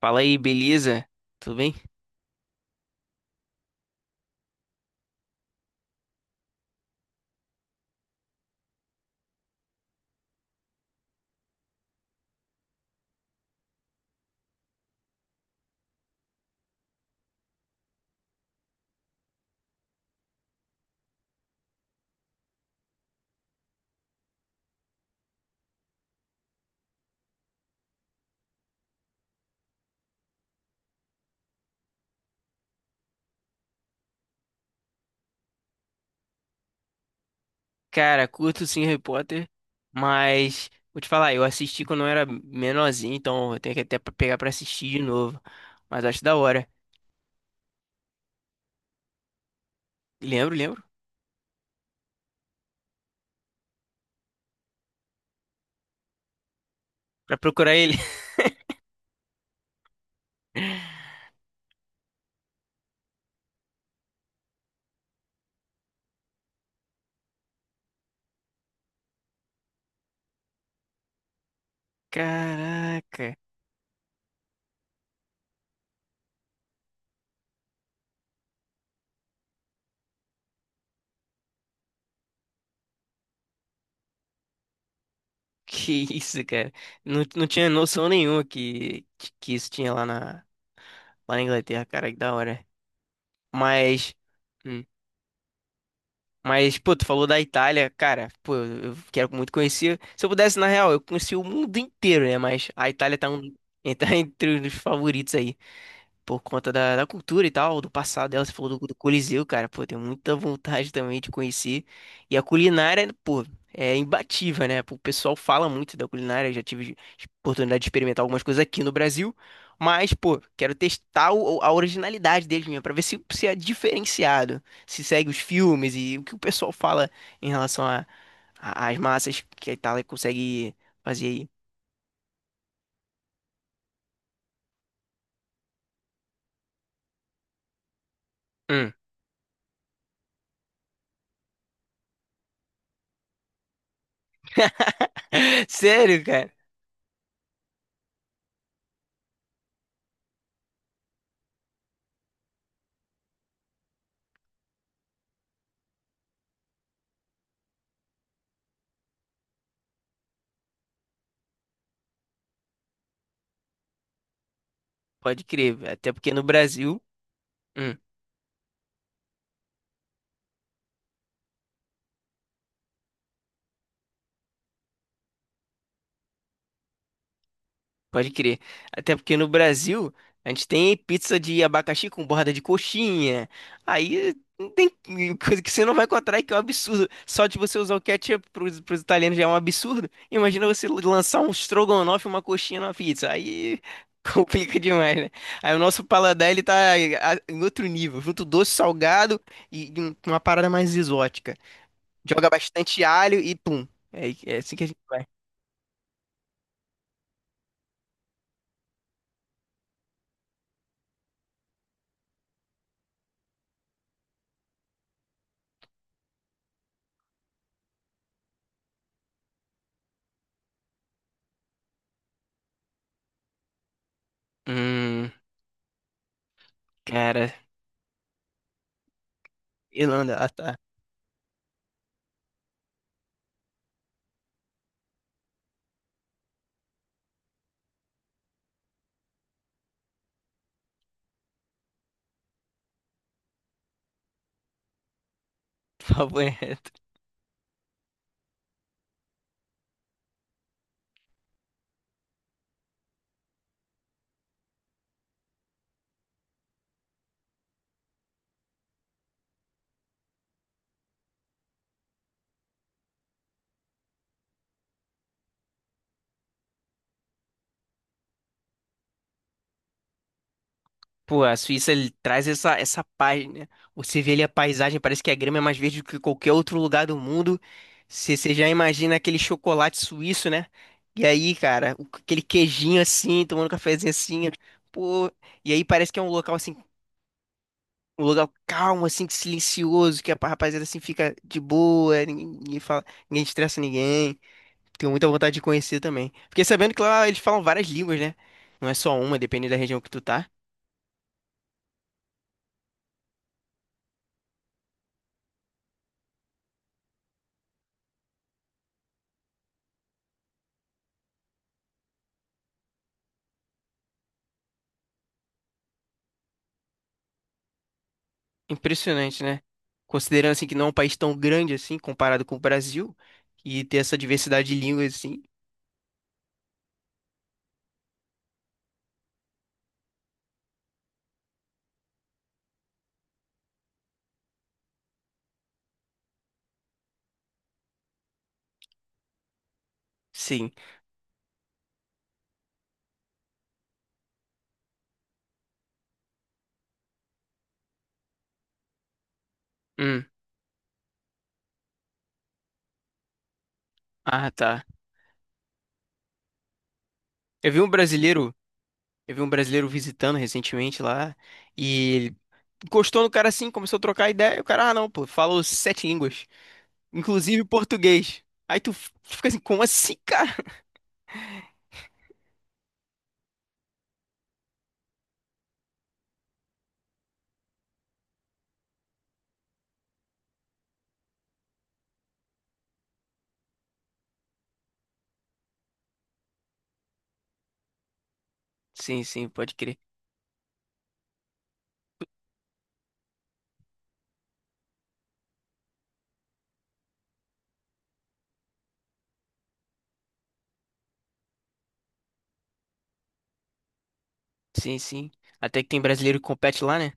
Fala aí, beleza? Tudo bem? Cara, curto sim Harry Potter, mas vou te falar, eu assisti quando eu era menorzinho, então eu tenho que até pegar pra assistir de novo. Mas acho da hora. Lembro, lembro. Pra procurar ele. Caraca, que isso, cara. Não, não tinha noção nenhuma que isso tinha lá na Inglaterra, cara, que da hora. Mas. hum, Mas, pô, tu falou da Itália, cara, pô, eu quero muito conhecer. Se eu pudesse, na real, eu conheci o mundo inteiro, né? Mas a Itália tá, tá entre os favoritos aí por conta da cultura e tal, do passado dela. Você falou do Coliseu, cara. Pô, tenho muita vontade também de conhecer. E a culinária, pô, é imbatível, né? Pô, o pessoal fala muito da culinária. Eu já tive oportunidade de experimentar algumas coisas aqui no Brasil. Mas, pô, quero testar a originalidade deles mesmo, pra ver se é diferenciado, se segue os filmes e o que o pessoal fala em relação às massas que a Itália consegue fazer aí. Hum. Sério, cara? Pode crer, velho. Até porque no Brasil. Hum, pode crer. Até porque no Brasil a gente tem pizza de abacaxi com borda de coxinha. Aí não tem coisa que você não vai encontrar que é um absurdo. Só de você usar o ketchup pros italianos já é um absurdo. Imagina você lançar um strogonoff e uma coxinha na pizza. Aí complica demais, né? Aí o nosso paladar ele em outro nível, junto doce, salgado e uma parada mais exótica. Joga bastante alho e pum. É, é assim que a gente. Hum, cara, Irlanda, ah, tá. Favorito. Pô, a Suíça ele traz essa paz, né? Você vê ali a paisagem, parece que a grama é mais verde do que qualquer outro lugar do mundo. Você já imagina aquele chocolate suíço, né? E aí, cara, aquele queijinho assim, tomando um cafezinho assim. Pô, e aí parece que é um local assim, um lugar calmo, assim, que silencioso, que a rapaziada assim fica de boa, ninguém, ninguém fala, ninguém estressa ninguém. Tenho muita vontade de conhecer também. Fiquei sabendo que lá eles falam várias línguas, né? Não é só uma, depende da região que tu tá. Impressionante, né? Considerando assim que não é um país tão grande assim, comparado com o Brasil, e ter essa diversidade de línguas assim. Sim. Hum. Ah, tá. Eu vi um brasileiro, eu vi um brasileiro visitando recentemente lá, e ele encostou no cara assim, começou a trocar ideia, e o cara, ah, não, pô, falou sete línguas, inclusive português. Aí tu tu fica assim, como assim, cara? Sim, sim, pode crer. Sim, sim. Até que tem brasileiro que compete lá, né?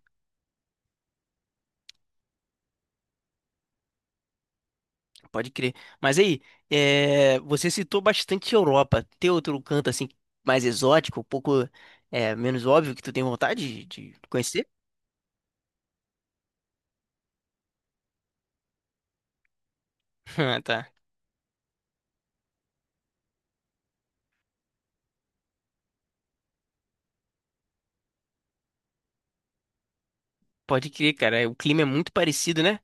Pode crer. Mas aí, é, você citou bastante Europa. Tem outro canto assim mais exótico, menos óbvio que tu tem vontade de conhecer? Ah, tá. Pode crer, cara. O clima é muito parecido, né?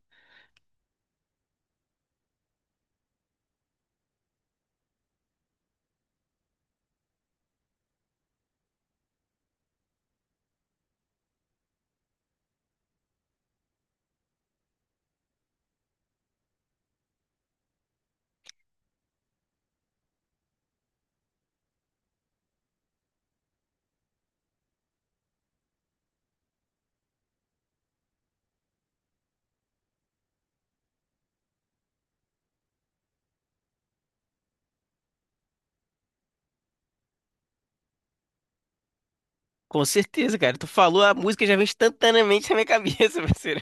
Com certeza, cara. Tu falou, a música já vem instantaneamente na minha cabeça, parceiro.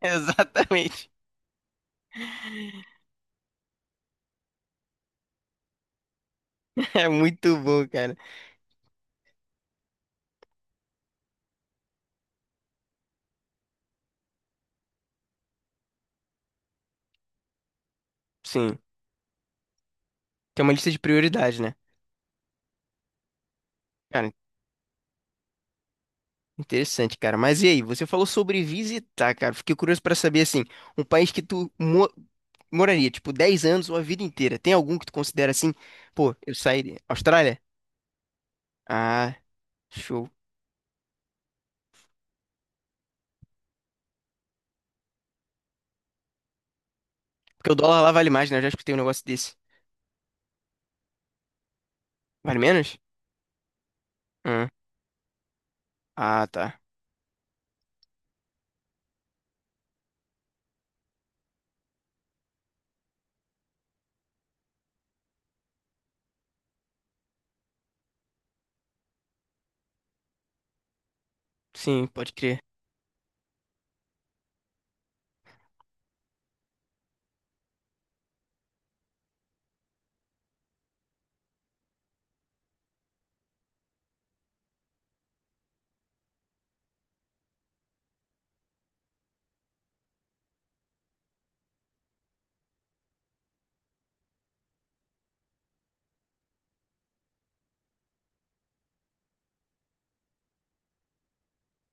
Exatamente. É muito bom, cara. Sim. Tem uma lista de prioridade, né? Cara, interessante, cara. Mas e aí, você falou sobre visitar, cara. Fiquei curioso pra saber, assim, um país que moraria, tipo, 10 anos ou a vida inteira. Tem algum que tu considera assim? Pô, eu sairia. Austrália? Ah, show. Porque o dólar lá vale mais, né? Eu já escutei um negócio desse. Vale menos? Hum. Ah, tá. Sim, pode crer.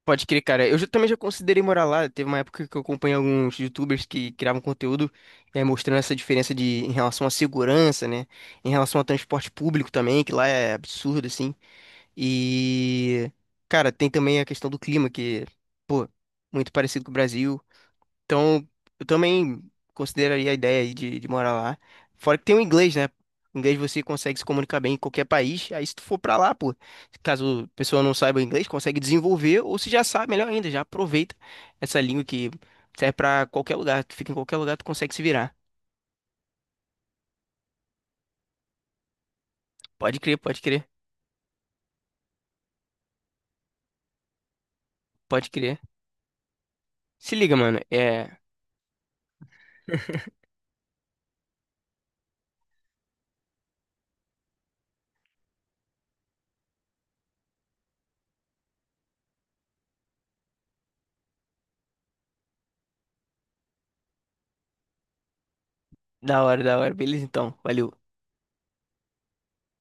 Pode crer, cara. Também já considerei morar lá. Teve uma época que eu acompanhei alguns YouTubers que criavam conteúdo, mostrando essa diferença de em relação à segurança, né? Em relação ao transporte público também, que lá é absurdo, assim. E, cara, tem também a questão do clima, que, pô, muito parecido com o Brasil. Então, eu também consideraria a ideia aí de morar lá. Fora que tem o inglês, né? O inglês você consegue se comunicar bem em qualquer país. Aí, se tu for pra lá, pô, caso a pessoa não saiba inglês, consegue desenvolver. Ou se já sabe, melhor ainda, já aproveita essa língua que serve pra qualquer lugar. Tu fica em qualquer lugar, tu consegue se virar. Pode crer, pode crer, pode crer. Se liga, mano. É da hora, da hora. Beleza, então. Valeu.